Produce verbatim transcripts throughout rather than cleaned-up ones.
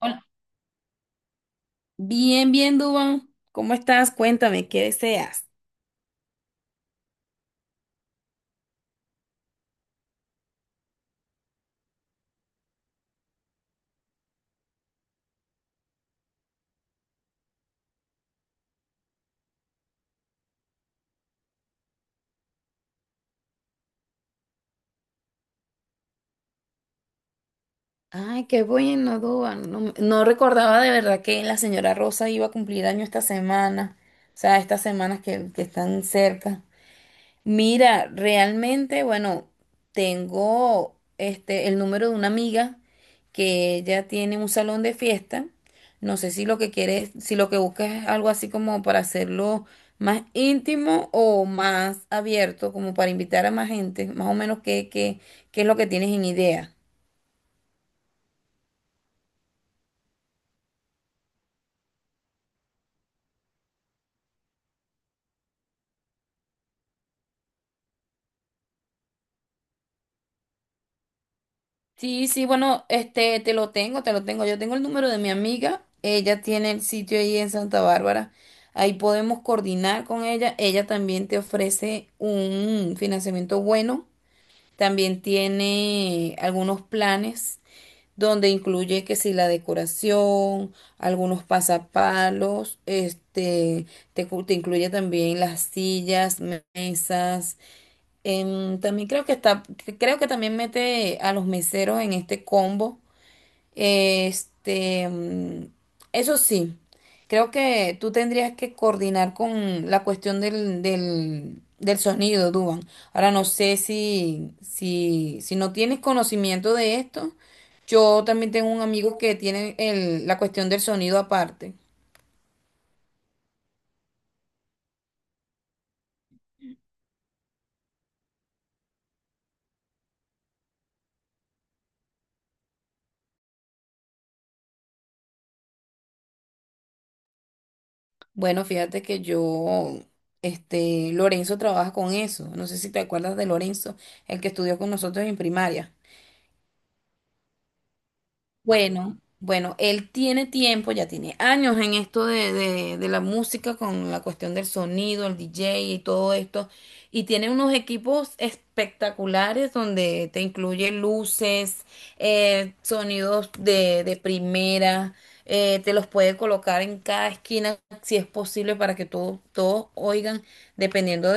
Hola. Bien, bien, Duban. ¿Cómo estás? Cuéntame, ¿qué deseas? Ay, qué bueno, Duan. No, no recordaba de verdad que la señora Rosa iba a cumplir año esta semana. O sea, estas semanas que, que están cerca. Mira, realmente, bueno, tengo este el número de una amiga que ella tiene un salón de fiesta. No sé si lo que quieres, si lo que buscas es algo así como para hacerlo más íntimo o más abierto, como para invitar a más gente, más o menos qué, qué, qué es lo que tienes en idea. Sí, sí, bueno, este, te lo tengo, te lo tengo. Yo tengo el número de mi amiga. Ella tiene el sitio ahí en Santa Bárbara. Ahí podemos coordinar con ella. Ella también te ofrece un financiamiento bueno. También tiene algunos planes donde incluye que si la decoración, algunos pasapalos, este, te, cu- te incluye también las sillas, mesas. Em, también creo que está, creo que también mete a los meseros en este combo. Este, mm, eso sí, creo que tú tendrías que coordinar con la cuestión del, del, del sonido, Duban. Ahora no sé si, si, si no tienes conocimiento de esto. Yo también tengo un amigo que tiene el- la cuestión del sonido aparte. Bueno, fíjate que yo, este, Lorenzo trabaja con eso. No sé si te acuerdas de Lorenzo, el que estudió con nosotros en primaria. Bueno, bueno, él tiene tiempo, ya tiene años en esto de, de- de la música, con la cuestión del sonido, el D J y todo esto, y tiene unos equipos espectaculares donde te incluye luces, eh, sonidos de, de primera, eh, te los puede colocar en cada esquina si es posible para que todos todos oigan, dependiendo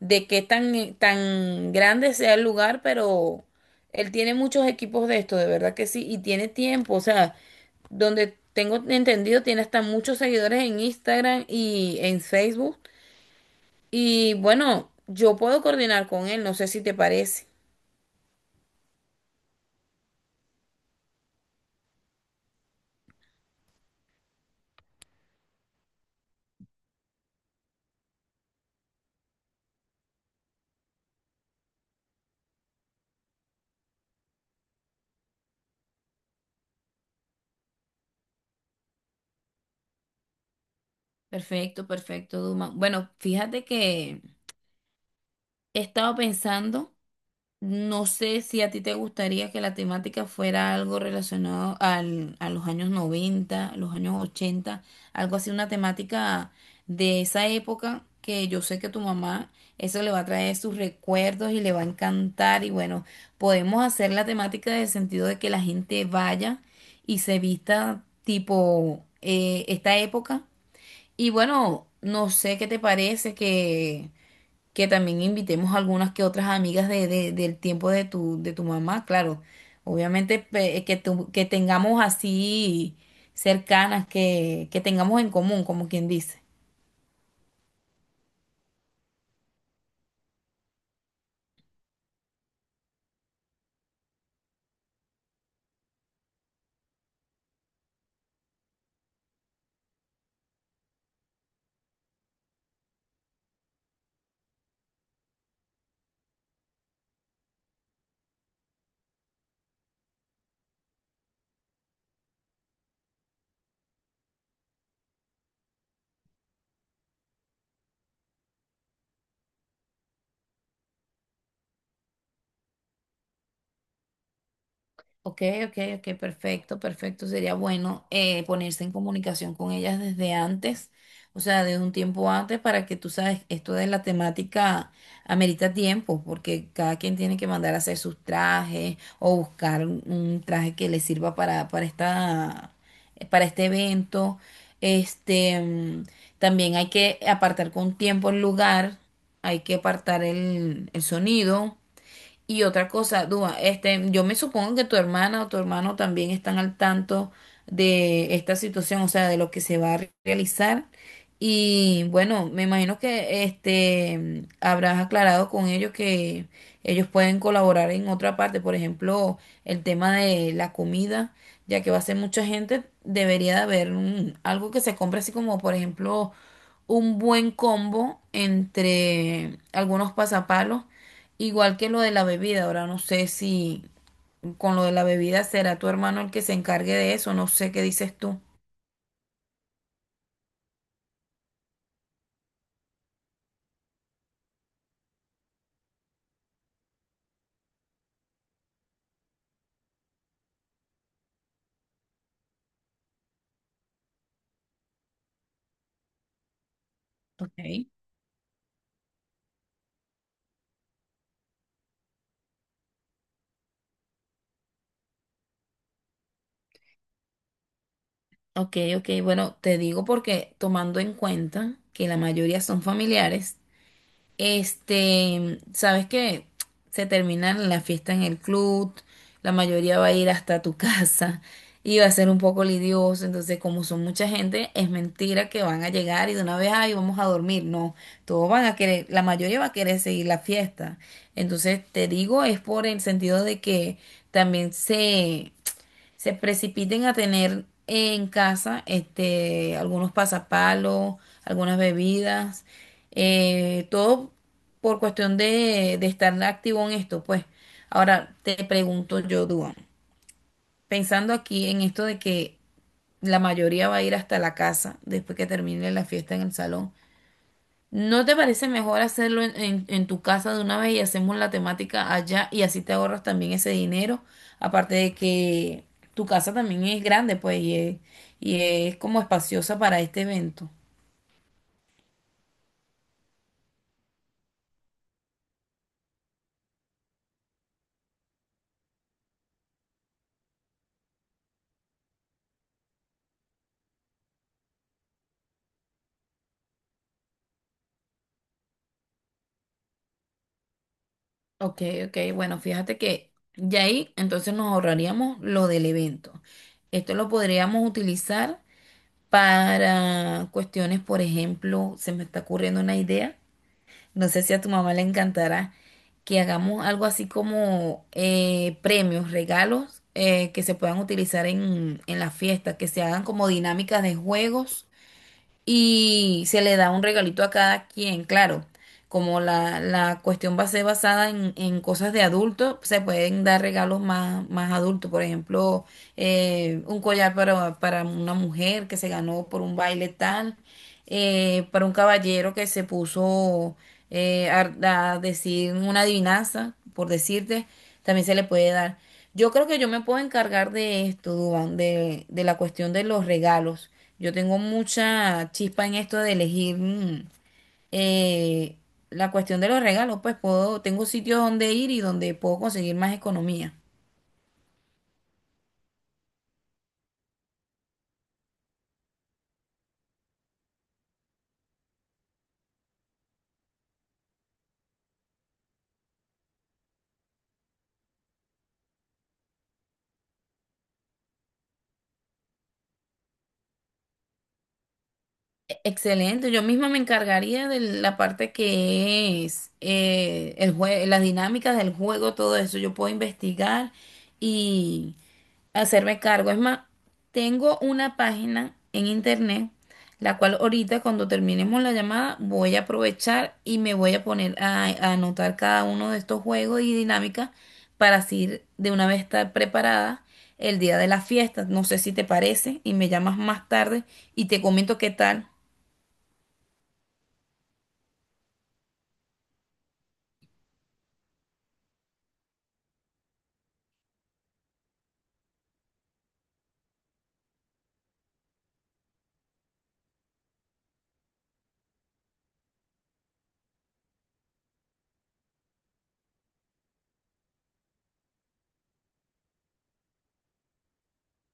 de qué tan, eh, tan grande sea el lugar, pero él tiene muchos equipos de esto, de verdad que sí, y tiene tiempo, o sea, donde tengo entendido, tiene hasta muchos seguidores en Instagram y en Facebook. Y bueno, yo puedo coordinar con él, no sé si te parece. Perfecto, perfecto, Duma. Bueno, fíjate que he estado pensando. No sé si a ti te gustaría que la temática fuera algo relacionado al, a los años noventa, los años ochenta, algo así, una temática de esa época que yo sé que tu mamá eso le va a traer sus recuerdos y le va a encantar y bueno, podemos hacer la temática en el sentido de que la gente vaya y se vista tipo eh, esta época y bueno, no sé qué te parece que que también invitemos algunas que otras amigas de, de- del tiempo de tu, de tu mamá, claro. Obviamente pe- que, tu- que tengamos así cercanas, que, que tengamos en común, como quien dice. Ok, ok, ok, perfecto, perfecto. Sería bueno eh, ponerse en comunicación con ellas desde antes, o sea, desde un tiempo antes, para que tú sabes, esto de la temática amerita tiempo, porque cada quien tiene que mandar a hacer sus trajes o buscar un, un traje que le sirva para, para esta, para este evento. Este, mm, también hay que apartar con tiempo el lugar, hay que apartar el el sonido. Y otra cosa, Dúa, este, yo me supongo que tu hermana o tu hermano también están al tanto de esta situación, o sea, de lo que se va a re- realizar. Y bueno, me imagino que este habrás aclarado con ellos que ellos pueden colaborar en otra parte, por ejemplo, el tema de la comida, ya que va a ser mucha gente, debería de haber un- algo que se compre así como, por ejemplo, un buen combo entre algunos pasapalos. Igual que lo de la bebida, ahora no sé si con lo de la bebida será tu hermano el que se encargue de eso, no sé qué dices tú. Ok. Ok, ok, bueno, te digo porque tomando en cuenta que la mayoría son familiares, este, sabes que se termina la fiesta en el club, la mayoría va a ir hasta tu casa y va a ser un poco lidioso, entonces como son mucha gente, es mentira que van a llegar y de una vez, ay, vamos a dormir, no, todos van a querer, la mayoría va a querer seguir la fiesta, entonces te digo, es por el sentido de que también se se precipiten a tener en casa este, algunos pasapalos, algunas bebidas, eh, todo por cuestión de, de estar activo en esto, pues. Ahora te pregunto yo, Duan, pensando aquí en esto de que la mayoría va a ir hasta la casa después que termine la fiesta en el salón, ¿no te parece mejor hacerlo en, en- en tu casa de una vez y hacemos la temática allá y así te ahorras también ese dinero? Aparte de que tu casa también es grande, pues, y es, y es como espaciosa para este evento. Ok, ok, bueno, fíjate que ya ahí entonces nos ahorraríamos lo del evento. Esto lo podríamos utilizar para cuestiones, por ejemplo, se me está ocurriendo una idea. No sé si a tu mamá le encantará que hagamos algo así como eh, premios, regalos eh, que se puedan utilizar en, en la fiesta, que se hagan como dinámicas de juegos y se le da un regalito a cada quien, claro, como la, la cuestión va a ser basada en, en cosas de adultos, se pueden dar regalos más, más adultos. Por ejemplo, eh, un collar para, para una mujer que se ganó por un baile tal, eh, para un caballero que se puso eh, a, a decir una adivinanza, por decirte, también se le puede dar. Yo creo que yo me puedo encargar de esto, Duan, de, de la cuestión de los regalos. Yo tengo mucha chispa en esto de elegir mm, eh, la cuestión de los regalos, pues puedo, tengo sitios donde ir y donde puedo conseguir más economía. E-, Excelente, yo misma me encargaría de la parte que es eh, el jue- las dinámicas del juego, todo eso. Yo puedo investigar y hacerme cargo. Es más, tengo una página en internet, la cual ahorita cuando terminemos la llamada voy a aprovechar y me voy a poner a, a anotar cada uno de estos juegos y dinámicas para así ir de una vez estar preparada el día de la fiesta. No sé si te parece y me llamas más tarde y te comento qué tal.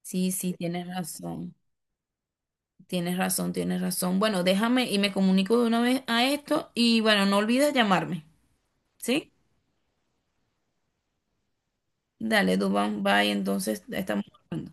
Sí, sí, tienes razón, tienes razón, tienes razón. Bueno, déjame y me comunico de una vez a esto y bueno, no olvides llamarme, ¿sí? Dale, Dubán, bye, entonces estamos hablando.